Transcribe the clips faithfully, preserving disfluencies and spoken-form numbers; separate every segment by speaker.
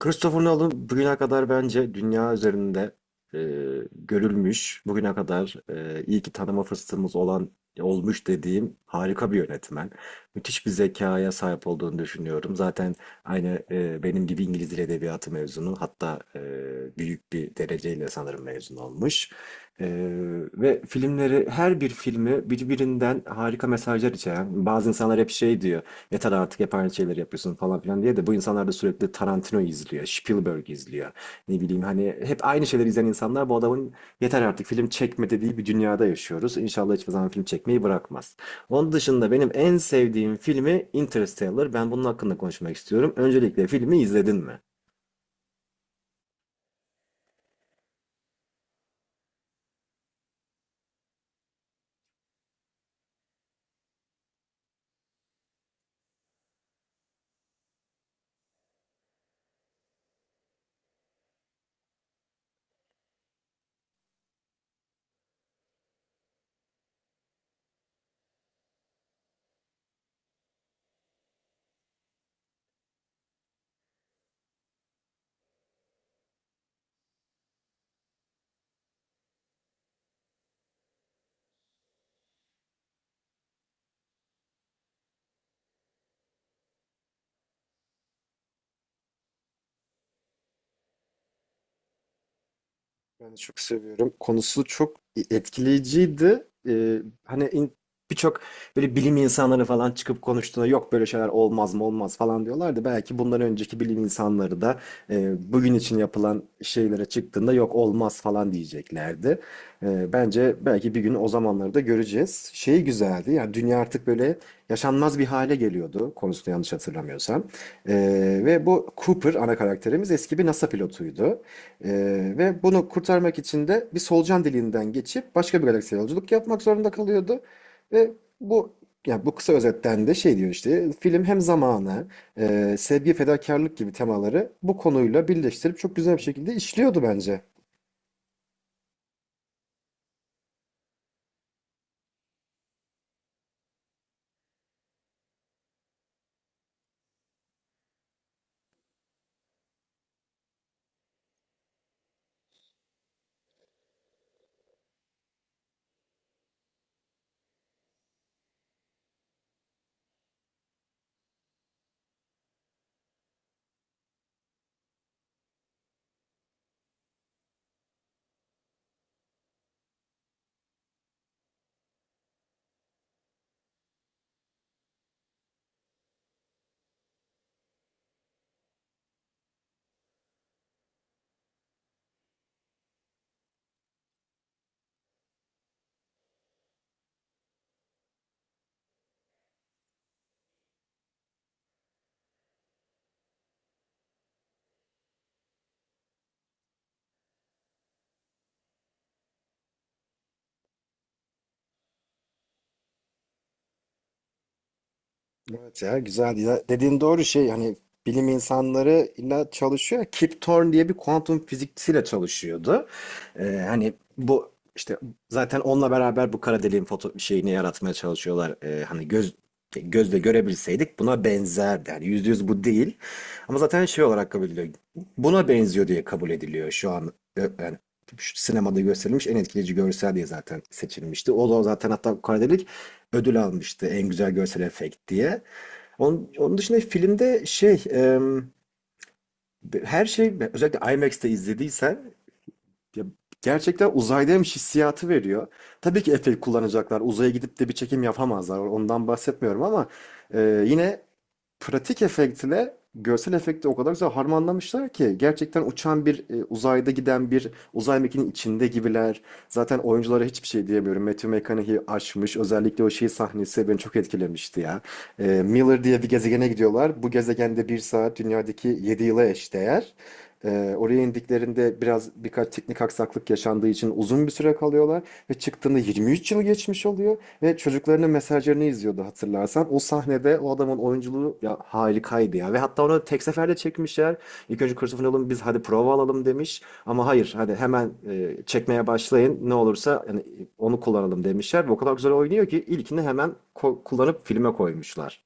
Speaker 1: Christopher Nolan bugüne kadar bence dünya üzerinde e, görülmüş, bugüne kadar e, iyi ki tanıma fırsatımız olan olmuş dediğim harika bir yönetmen. Müthiş bir zekaya sahip olduğunu düşünüyorum. Zaten aynı e, benim gibi İngiliz Dil Edebiyatı mezunu, hatta e, büyük bir dereceyle sanırım mezun olmuş. E, ve filmleri, her bir filmi birbirinden harika mesajlar içeren. Bazı insanlar hep şey diyor, yeter artık hep aynı şeyleri yapıyorsun falan filan diye, de bu insanlar da sürekli Tarantino izliyor, Spielberg izliyor. Ne bileyim, hani hep aynı şeyleri izleyen insanlar bu adamın yeter artık film çekme dediği bir dünyada yaşıyoruz. İnşallah hiçbir zaman film çekmeyi bırakmaz. Onun dışında benim en sevdiğim filmi Interstellar. Ben bunun hakkında konuşmak istiyorum. Öncelikle filmi izledin mi? Ben de çok seviyorum. Konusu çok etkileyiciydi. Ee, hani in- birçok böyle bilim insanları falan çıkıp konuştuğunda yok böyle şeyler olmaz mı olmaz falan diyorlardı. Belki bundan önceki bilim insanları da e, bugün için yapılan şeylere çıktığında yok olmaz falan diyeceklerdi. Ee, bence belki bir gün o zamanları da göreceğiz. Şey güzeldi, yani dünya artık böyle yaşanmaz bir hale geliyordu, konusunu yanlış hatırlamıyorsam. Ee, ve bu Cooper, ana karakterimiz, eski bir NASA pilotuydu. Ee, ve bunu kurtarmak için de bir solucan deliğinden geçip başka bir galaksiye yolculuk yapmak zorunda kalıyordu. Ve bu, ya bu kısa özetten de şey diyor, işte film hem zamanı, e, sevgi, fedakarlık gibi temaları bu konuyla birleştirip çok güzel bir şekilde işliyordu bence. Evet ya, güzel. Ya dediğin doğru, şey hani bilim insanları illa çalışıyor. Kip Thorne diye bir kuantum fizikçisiyle çalışıyordu. Ee, hani bu işte zaten onunla beraber bu kara deliğin foto şeyini yaratmaya çalışıyorlar. Ee, hani göz gözle görebilseydik buna benzerdi. Yani yüzde yüz bu değil. Ama zaten şey olarak kabul ediliyor. Buna benziyor diye kabul ediliyor şu an. Ee, Yani şu sinemada gösterilmiş en etkileyici görsel diye zaten seçilmişti. O da zaten hatta bu kara delik ödül almıştı en güzel görsel efekt diye. Onun, onun dışında filmde şey em, her şey, özellikle aymaksta izlediysen, ya gerçekten uzaydaymış hissiyatı veriyor. Tabii ki efekt kullanacaklar. Uzaya gidip de bir çekim yapamazlar. Ondan bahsetmiyorum, ama e, yine pratik efektle görsel efekti o kadar güzel harmanlamışlar ki gerçekten uçan bir e, uzayda giden bir uzay mekiğinin içinde gibiler. Zaten oyunculara hiçbir şey diyemiyorum. Matthew McConaughey aşmış. Özellikle o şey sahnesi beni çok etkilemişti ya. E, Miller diye bir gezegene gidiyorlar. Bu gezegende bir saat dünyadaki yedi yıla eşdeğer. E, oraya indiklerinde biraz, birkaç teknik aksaklık yaşandığı için uzun bir süre kalıyorlar ve çıktığında yirmi üç yıl geçmiş oluyor. Ve çocuklarının mesajlarını izliyordu, hatırlarsan. O sahnede o adamın oyunculuğu ya harikaydı ya. Ve hatta onu tek seferde çekmişler. İlk önce Christopher Nolan biz hadi prova alalım demiş. Ama hayır hadi hemen e, çekmeye başlayın, ne olursa yani e, onu kullanalım demişler. Ve o kadar güzel oynuyor ki ilkini hemen ko- kullanıp filme koymuşlar.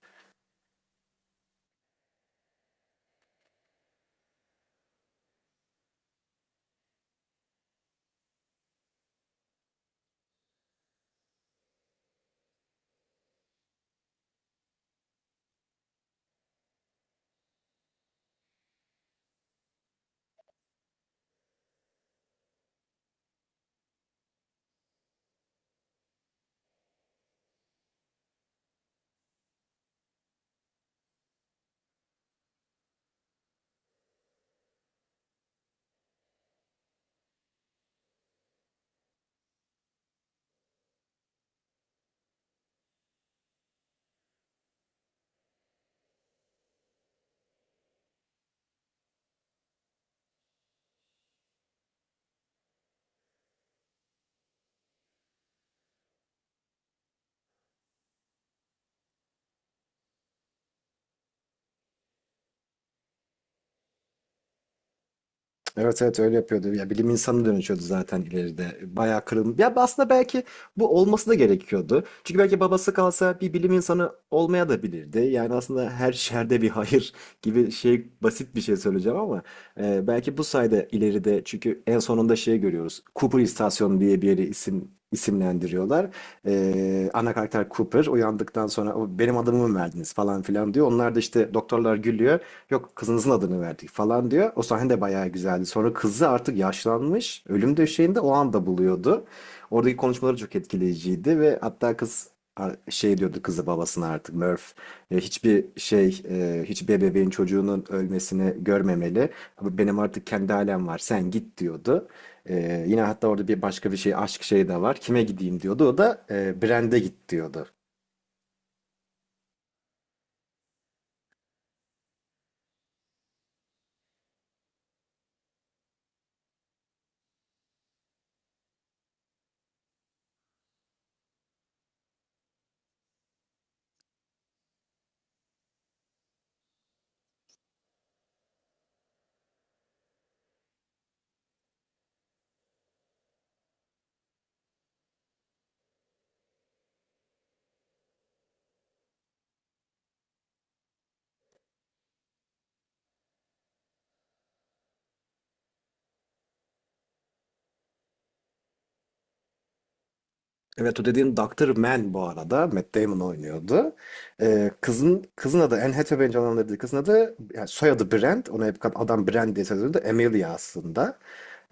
Speaker 1: Evet evet, öyle yapıyordu. Ya bilim insanı dönüşüyordu zaten ileride. Bayağı kırılım. Ya aslında belki bu olması da gerekiyordu. Çünkü belki babası kalsa bir bilim insanı olmaya da bilirdi. Yani aslında her şerde bir hayır gibi, şey basit bir şey söyleyeceğim ama e, belki bu sayede ileride, çünkü en sonunda şey görüyoruz. Cooper İstasyonu diye bir yeri isim isimlendiriyorlar. E, ana karakter Cooper uyandıktan sonra "O, benim adımı mı verdiniz" falan filan diyor. Onlar da işte, doktorlar gülüyor. Yok, kızınızın adını verdik falan diyor. O sahne de bayağı güzeldi. Sonra kızı artık yaşlanmış. Ölüm döşeğinde o anda buluyordu. Oradaki konuşmaları çok etkileyiciydi ve hatta kız a- şey diyordu, kızı babasına, artık Murph, e, hiçbir şey e, hiçbir bebeğin çocuğunun ölmesini görmemeli. Benim artık kendi ailem var. Sen git diyordu. E, yine hatta orada bir başka bir şey, aşk şeyi de var. Kime gideyim diyordu. O da e, Brand'e git diyordu. Evet, o dediğin doktor Man bu arada. Matt Damon oynuyordu. Ee, kızın kızın adı, Anne Hathaway'in canlandırdığı kızın adı, yani soyadı Brand. Ona hep kat- adam Brand diye söylüyordu. Amelia aslında.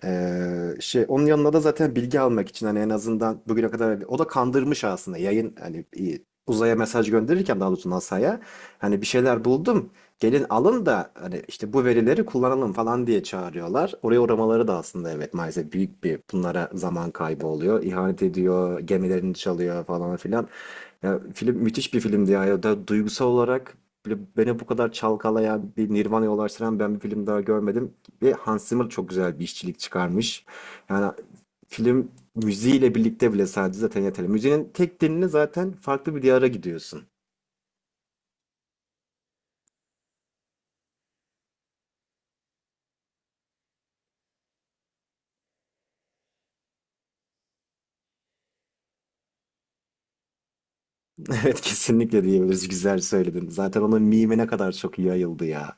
Speaker 1: Ee, şey, onun yanına da zaten bilgi almak için, hani en azından bugüne kadar hani o da kandırmış aslında, yayın hani e, uzaya mesaj gönderirken, daha doğrusu N A S A'ya, hani bir şeyler buldum, gelin alın da hani işte bu verileri kullanalım falan diye çağırıyorlar. Oraya uğramaları da aslında evet maalesef büyük bir, bunlara zaman kaybı oluyor. İhanet ediyor, gemilerini çalıyor falan filan. Ya, film müthiş bir filmdi ya. Ya da duygusal olarak böyle beni bu kadar çalkalayan, bir Nirvana'ya ulaştıran ben bir film daha görmedim. Ve Hans Zimmer çok güzel bir işçilik çıkarmış. Yani film müziğiyle birlikte bile sadece zaten yeterli. Müziğin tek dilini zaten farklı bir diyara gidiyorsun. Evet kesinlikle diyebiliriz. Güzel söyledin. Zaten onun mimi ne kadar çok yayıldı ya.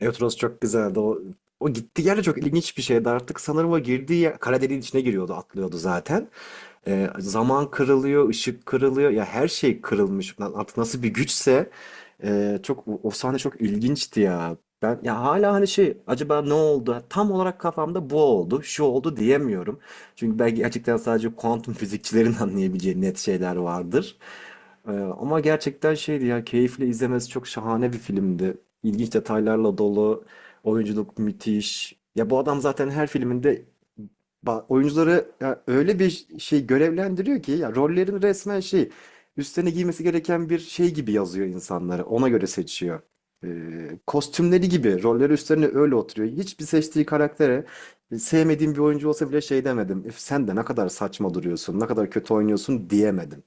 Speaker 1: Euros çok güzeldi. O, o gittiği yer de çok ilginç bir şeydi. Artık sanırım o girdiği yer kara deliğin içine giriyordu, atlıyordu zaten. Ee, zaman kırılıyor, ışık kırılıyor. Ya her şey kırılmış. Lan artık nasıl bir güçse, e, çok o o sahne çok ilginçti ya. Ben ya hala hani, şey acaba ne oldu? Tam olarak kafamda bu oldu, şu oldu diyemiyorum. Çünkü belki gerçekten sadece kuantum fizikçilerin anlayabileceği net şeyler vardır. Ee, ama gerçekten şeydi ya, keyifle izlemesi çok şahane bir filmdi. İlginç detaylarla dolu, oyunculuk müthiş. Ya bu adam zaten her filminde Ba- oyuncuları ya öyle bir şey görevlendiriyor ki ya, rollerini resmen şey, üstlerine giymesi gereken bir şey gibi yazıyor insanları. Ona göre seçiyor. Ee, kostümleri gibi rolleri üstlerine öyle oturuyor. Hiçbir seçtiği karaktere, e, sevmediğim bir oyuncu olsa bile şey demedim. "Üf, sen de ne kadar saçma duruyorsun, ne kadar kötü oynuyorsun" diyemedim.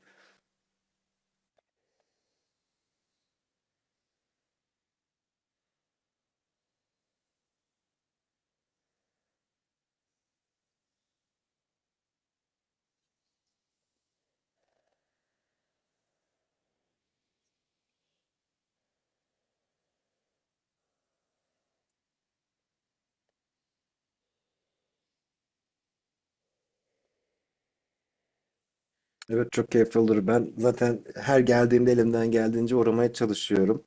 Speaker 1: Evet çok keyifli olur. Ben zaten her geldiğimde elimden geldiğince uğramaya çalışıyorum.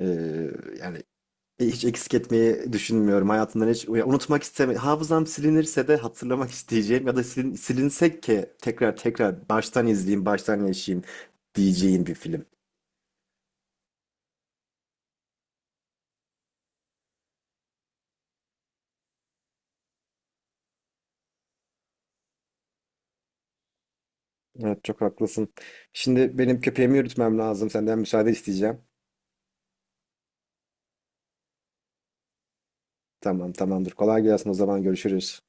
Speaker 1: Ee, yani Hiç eksik etmeyi düşünmüyorum. Hayatımdan hiç ya unutmak istemiyorum. Hafızam silinirse de hatırlamak isteyeceğim, ya da silin, silinsek ki tekrar tekrar baştan izleyeyim, baştan yaşayayım diyeceğim bir film. Evet çok haklısın. Şimdi benim köpeğimi yürütmem lazım. Senden müsaade isteyeceğim. Tamam tamamdır. Kolay gelsin, o zaman görüşürüz.